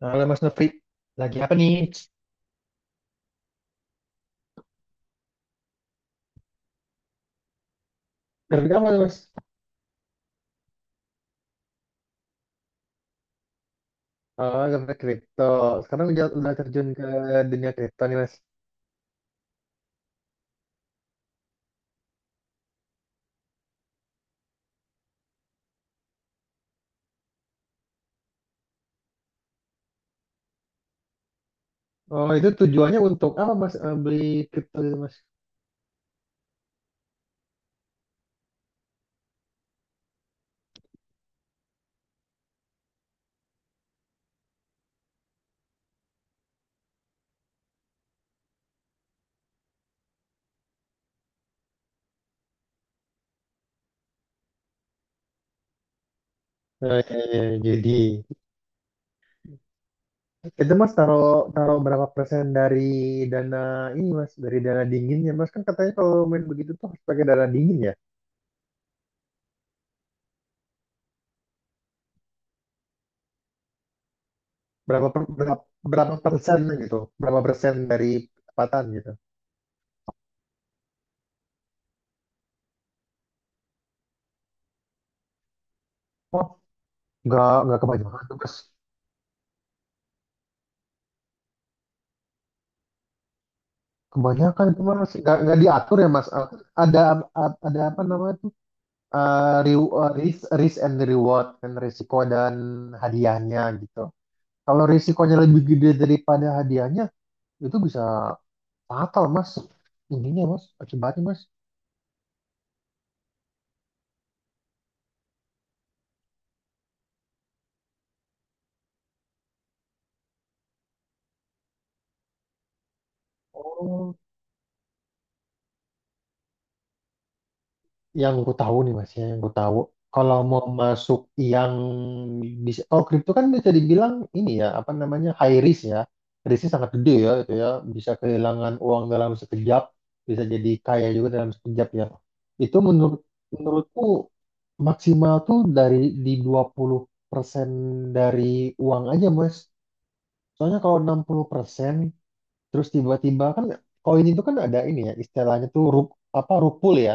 Halo Mas Nofri, lagi apa nih? Kerja apa, mas? Oh, kerja kripto. Sekarang udah terjun ke dunia kripto nih, mas. Oh, itu tujuannya untuk apa, mas? Beli kripto itu, mas? Oh, iya, iya. Jadi itu mas taruh taruh berapa persen dari dana ini, mas? Dari dana dinginnya, mas, kan katanya kalau main begitu tuh harus pakai dana dingin, ya? Berapa per- berapa, berapa persen gitu? Berapa persen dari pendapatan gitu? Oh, nggak kebanyakan tuh, mas. Kebanyakan itu, mas, nggak diatur ya, mas. Eh, ada apa namanya tuh, risk risk and reward, kan, risiko dan hadiahnya gitu. Kalau risikonya lebih gede daripada hadiahnya, itu bisa fatal, mas. Ininya, mas, akibatnya, mas. Oh, yang gue tahu nih, mas, ya, yang gue tahu, kalau mau masuk yang bisa, oh, kripto kan bisa dibilang ini ya, apa namanya, high risk ya, risknya sangat gede ya, itu ya, bisa kehilangan uang dalam sekejap, bisa jadi kaya juga dalam sekejap ya. Itu menurutku maksimal tuh dari di 20% dari uang aja, mas. Soalnya kalau 60% terus tiba-tiba kan koin itu kan ada ini ya, istilahnya tuh apa rupul ya,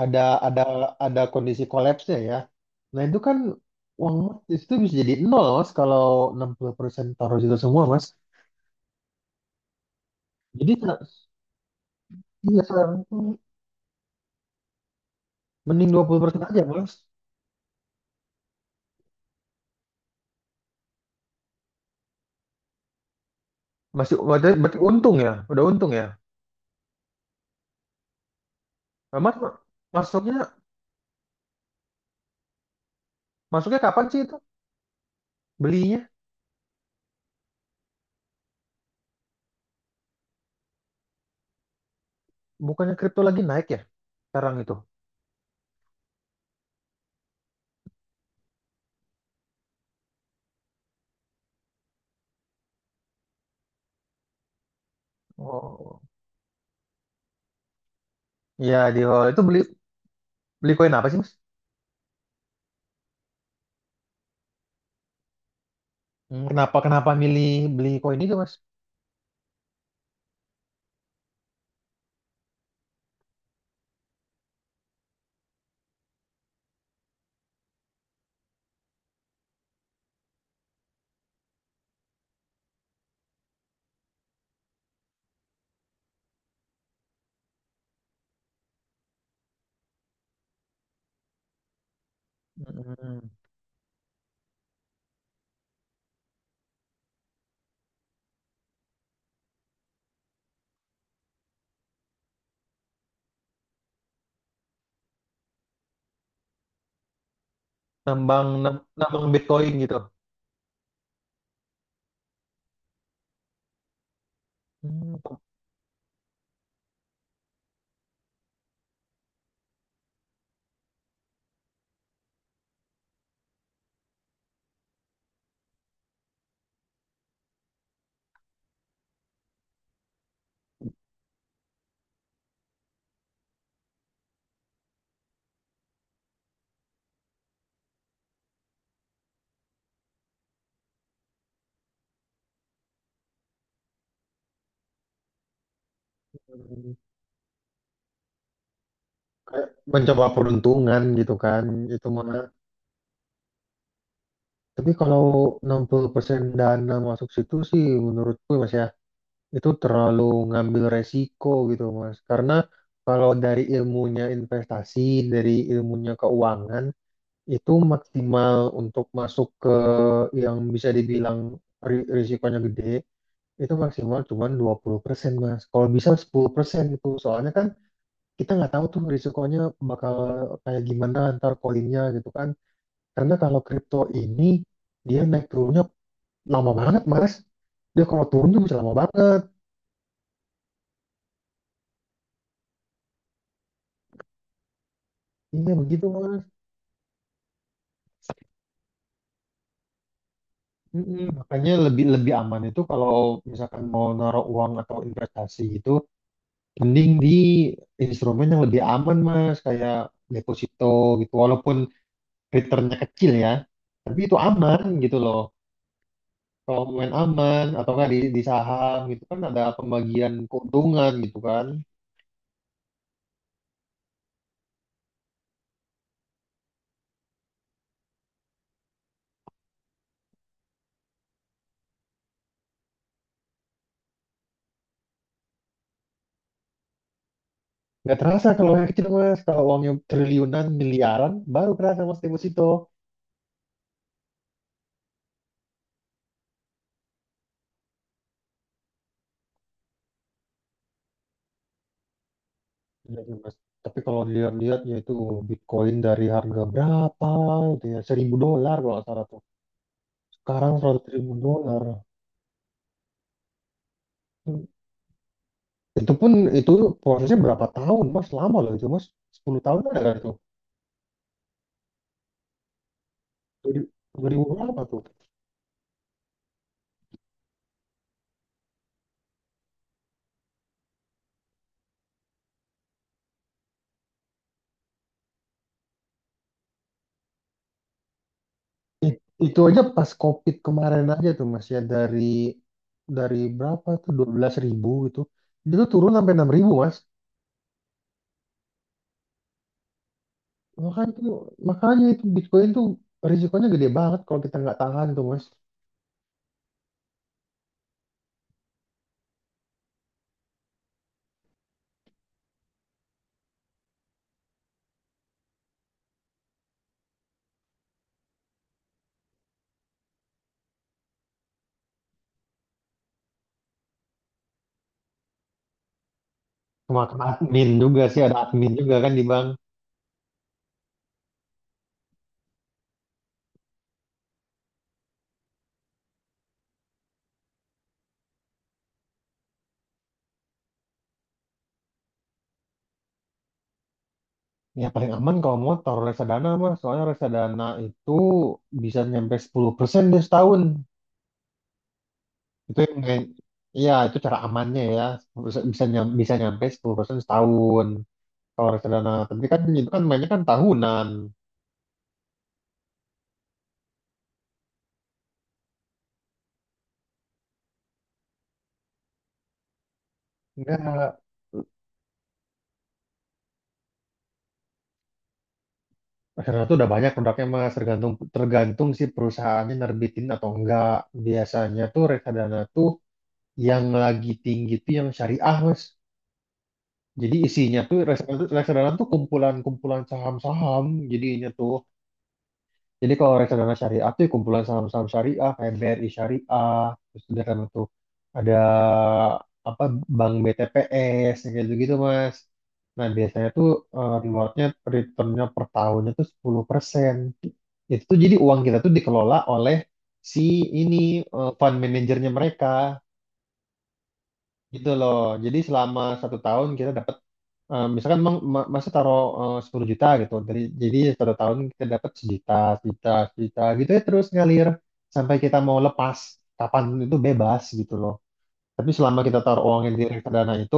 ada ada ada kondisi kolapsnya ya. Nah, itu kan uang Mas itu bisa jadi nol, mas, kalau 60% taruh situ semua, mas. Jadi sa- iya, sekarang itu mending 20% aja, mas. Masih berarti untung ya, udah untung ya. Nah, Mas, masuknya masuknya kapan sih itu belinya? Bukannya kripto lagi naik ya sekarang itu? Oh, ya, di awal itu beli beli koin apa sih, mas? Hmm, Kenapa kenapa milih beli koin itu, mas? Hmm, nambang Bitcoin gitu. Hmm, kayak mencoba peruntungan gitu kan, itu mah. Tapi kalau 60% dana masuk situ sih menurutku, mas, ya, itu terlalu ngambil resiko gitu, mas, karena kalau dari ilmunya investasi, dari ilmunya keuangan, itu maksimal untuk masuk ke yang bisa dibilang risikonya gede itu maksimal cuma 20%, mas, kalau bisa 10%. Itu soalnya kan kita nggak tahu tuh risikonya bakal kayak gimana ntar koinnya gitu kan. Karena kalau kripto ini dia naik turunnya lama banget, mas. Dia kalau turun tuh bisa lama banget. Iya, begitu mas. Mm-mm. Makanya lebih lebih aman itu kalau misalkan mau naruh uang atau investasi itu mending di instrumen yang lebih aman, mas, kayak deposito gitu, walaupun returnnya kecil ya tapi itu aman gitu loh. Kalau main aman atau nggak di saham gitu kan ada pembagian keuntungan gitu kan. Nggak terasa kalau yang kecil, mas. Kalau uangnya triliunan, miliaran, baru kerasa, mas, deposito. Iya, iya, mas, tapi kalau dilihat-lihat ya itu Bitcoin dari harga berapa gitu ya, 1.000 dolar kalau nggak salah tuh, sekarang 100.000 dolar. Hmm. Itu pun itu prosesnya berapa tahun, mas, lama loh itu, mas. 10 tahun ada kan itu. Dari- 2000 berapa tuh. Itu aja pas COVID kemarin aja tuh, Mas, ya dari berapa tuh, 12 ribu gitu, itu tuh turun sampai 6 ribu, Mas. Makanya itu makanya itu Bitcoin tuh risikonya gede banget kalau kita nggak tahan tuh, Mas. Kemakan admin juga sih, ada admin juga kan di bank. Ya paling aman kalau motor reksadana, Mas, soalnya reksadana itu bisa nyampe 10% dia setahun. Itu yang, ya, itu cara amannya ya, bisa bisa nyam- bisa nyampe 10% setahun, kalau reksadana, tapi kan itu kan mainnya kan tahunan. Enggak, reksadana itu udah banyak produknya, mas, tergantung tergantung si perusahaannya nerbitin atau enggak. Biasanya tuh reksadana tuh yang lagi tinggi tuh yang syariah, mas. Jadi isinya tuh reksadana, tuh kumpulan-kumpulan saham-saham jadinya tuh. Jadi kalau reksadana syariah tuh ya kumpulan saham-saham syariah kayak BRI Syariah, terus udah kan tuh ada apa, Bank BTPS yang kayak gitu-gitu, Mas. Nah, biasanya tuh eh, rewardnya returnnya per tahunnya tuh 10%. Itu tuh jadi uang kita tuh dikelola oleh si ini fund manajernya mereka gitu loh. Jadi selama satu tahun kita dapat, misalkan, Bang, masa taruh, 10 juta gitu. Jadi satu tahun kita dapat 1 juta, sejuta, sejuta gitu ya, terus ngalir sampai kita mau lepas kapan itu bebas gitu loh. Tapi selama kita taruh uangnya di reksadana itu,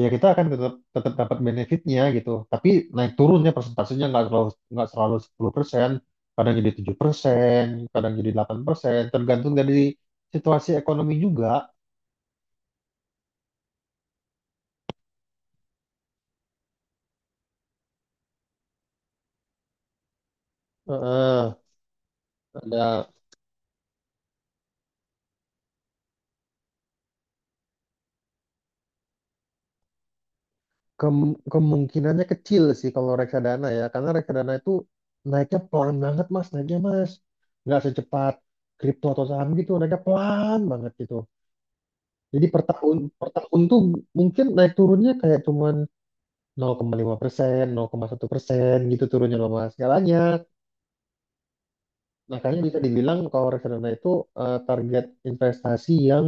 ya kita akan tetap tetap dapat benefitnya gitu. Tapi naik turunnya persentasenya nggak selalu 10%, kadang jadi 7%, kadang jadi 8%, tergantung dari situasi ekonomi juga. Heeh, ada. Kemungkinannya kecil sih kalau reksadana ya, karena reksadana itu naiknya pelan banget, mas, naiknya, mas. Nggak secepat kripto atau saham gitu, naiknya pelan banget gitu. Jadi per tahun, tuh mungkin naik turunnya kayak cuman 0,5%, 0,1% gitu turunnya loh, mas. Nggak banyak. Makanya bisa dibilang kalau reksadana itu target investasi yang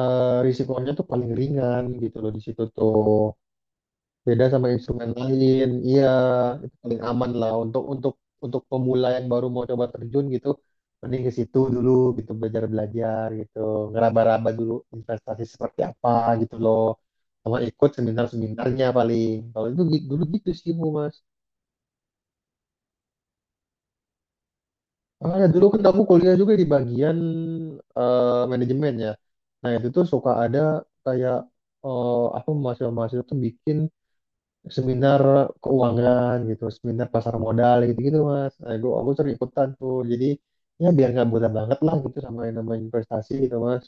risikonya tuh paling ringan gitu loh di situ tuh, beda sama instrumen lain, iya. Itu paling aman lah untuk pemula yang baru mau coba terjun gitu, mending ke situ dulu gitu, belajar belajar gitu, ngeraba-raba dulu investasi seperti apa gitu loh, sama ikut seminar seminarnya, paling kalau itu dulu gitu sih, Bu, Mas. Ah, ya dulu kan aku kuliah juga di bagian manajemen ya. Nah itu tuh suka ada, kayak eh, apa, mahasiswa-mahasiswa tuh bikin seminar keuangan gitu, seminar pasar modal gitu-gitu, mas. Nah, aku sering ikutan tuh. Jadi ya biar nggak buta banget lah gitu sama yang namanya investasi gitu, mas.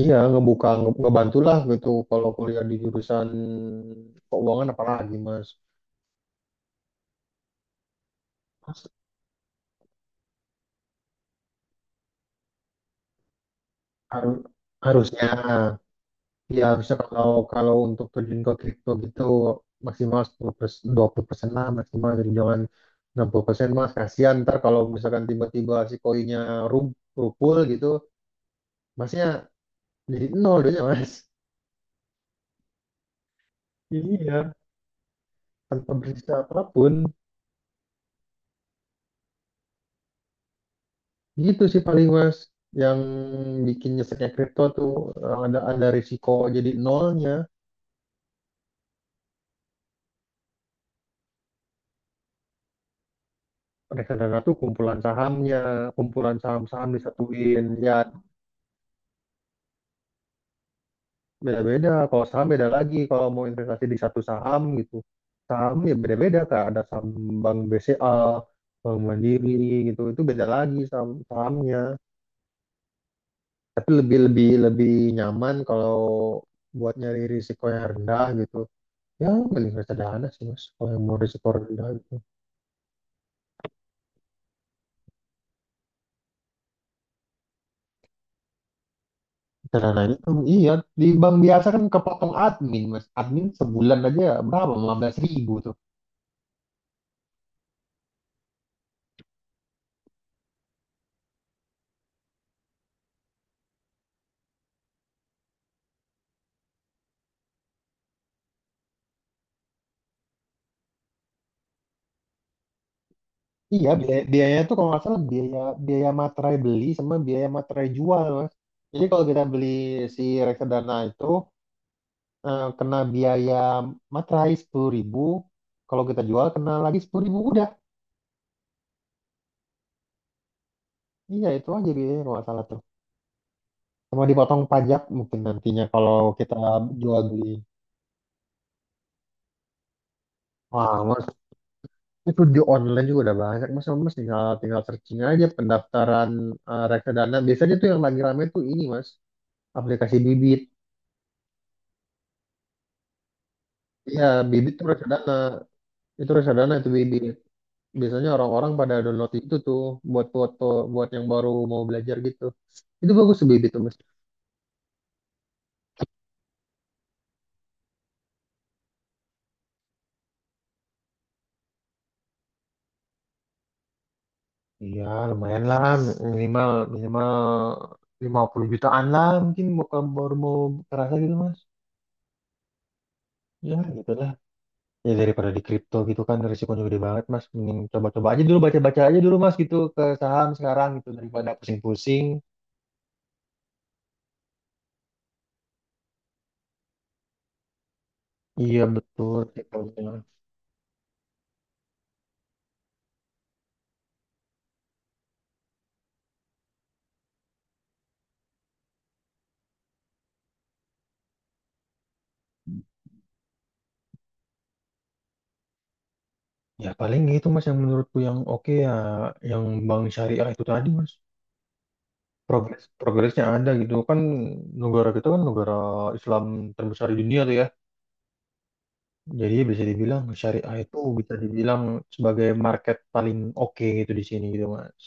Iya, ngebantu lah gitu kalau kuliah di jurusan keuangan apalagi, mas. Mas, har- harusnya ya, harusnya kalau kalau untuk terjun ke kripto gitu maksimal 10%, 20% lah maksimal, jadi jangan 60%, mas, kasihan ntar kalau misalkan tiba-tiba si koinnya ru- rupul gitu, Masnya jadi nol doanya, mas. Iya, tanpa bersisa apapun. Gitu sih paling, mas. Yang bikin nyeseknya kripto tuh ada risiko jadi nolnya. Reksadana tuh kumpulan sahamnya, kumpulan saham-saham disatuin. Ya beda-beda. Kalau saham beda lagi, kalau mau investasi di satu saham gitu. Saham ya beda-beda, kak. Ada saham Bank BCA, Bank Mandiri gitu. Itu beda lagi saham sahamnya. Tapi lebih lebih lebih nyaman kalau buat nyari risiko yang rendah gitu. Ya mending reksadana sih, mas, kalau yang mau risiko rendah gitu, reksadana itu. Iya, di bank biasa kan kepotong admin, mas. Admin sebulan aja berapa? 15 ribu tuh. Iya, biayanya tuh kalau nggak salah biaya biaya materai beli sama biaya materai jual, mas. Jadi kalau kita beli si reksadana itu kena biaya materai 10.000 ribu. Kalau kita jual kena lagi 10.000 ribu, udah. Iya itu aja biayanya kalau nggak salah tuh. Sama dipotong pajak mungkin nantinya kalau kita jual beli. Wah, mas, itu di online juga udah banyak. Mas tinggal, searching aja pendaftaran reksadana. Biasanya tuh yang lagi rame tuh ini, mas. Aplikasi bibit. Iya, bibit tuh reksadana. Itu reksadana itu bibit. Biasanya orang-orang pada download itu tuh buat foto, buat yang baru mau belajar gitu. Itu bagus tuh bibit tuh, mas. Iya, lumayan lah. Minimal, minimal 50 jutaan lah mungkin bukan, baru mau kerasa gitu, mas. Ya, gitu lah. Ya daripada di kripto gitu kan risikonya gede banget, mas. Mending coba-coba aja dulu, baca-baca aja dulu, mas, gitu ke saham sekarang gitu daripada pusing-pusing. Iya, betul, kriptonya. Ya paling gitu, mas, yang menurutku yang oke ya, yang bank syariah itu tadi, mas. Progresnya ada gitu kan, negara kita kan negara Islam terbesar di dunia tuh ya. Jadi bisa dibilang syariah itu bisa dibilang sebagai market paling oke gitu di sini gitu, mas.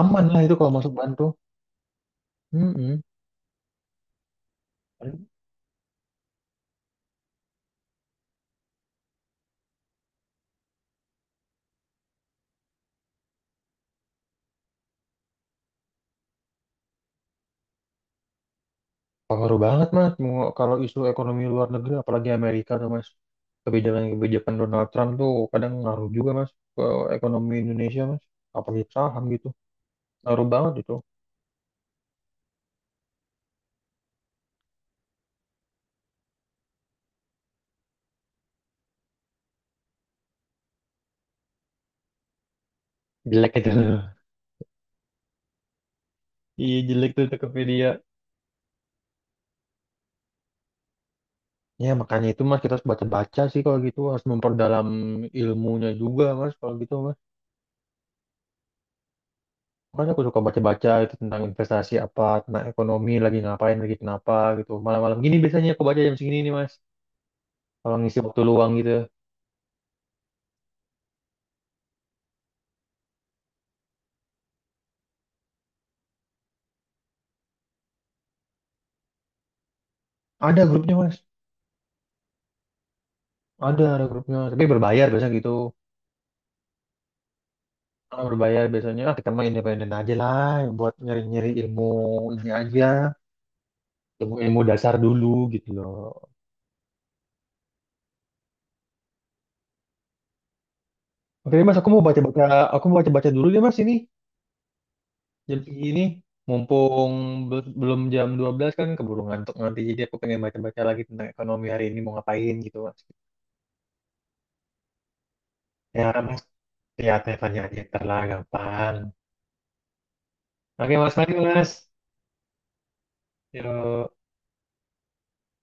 Aman lah itu kalau masuk bantu. Mm. Pengaruh banget, mas, mau kalau isu ekonomi luar negeri, apalagi Amerika tuh, mas, kebijakan-kebijakan Donald Trump tuh kadang ngaruh juga, mas, ke ekonomi Indonesia, mas, apalagi saham gitu, ngaruh banget itu. Jelek itu. Iya, jelek tuh Tokopedia. Ya makanya itu, mas, kita harus baca-baca sih kalau gitu, harus memperdalam ilmunya juga, mas, kalau gitu, mas. Makanya aku suka baca-baca itu tentang investasi apa, tentang ekonomi lagi ngapain lagi, kenapa gitu. Malam-malam gini biasanya aku baca jam segini nih, mas. Kalau ngisi waktu luang gitu. Ada grupnya, mas. Ada, grupnya. Tapi berbayar biasanya gitu. Kalau berbayar biasanya, ah, kita mah independen aja lah. Buat nyari-nyari ilmu ini aja. Ilmu, dasar dulu gitu loh. Oke deh, mas, aku mau baca-baca. Aku mau baca-baca dulu deh, mas, ini. Jam segini. Mumpung belum jam 12 kan, keburu ngantuk nanti. Jadi aku pengen baca-baca lagi tentang ekonomi hari ini, mau ngapain gitu, mas. Ya, mas, lihat teleponnya aja. Ntar lah gampang. Oke, mas, mari mas. Yuk.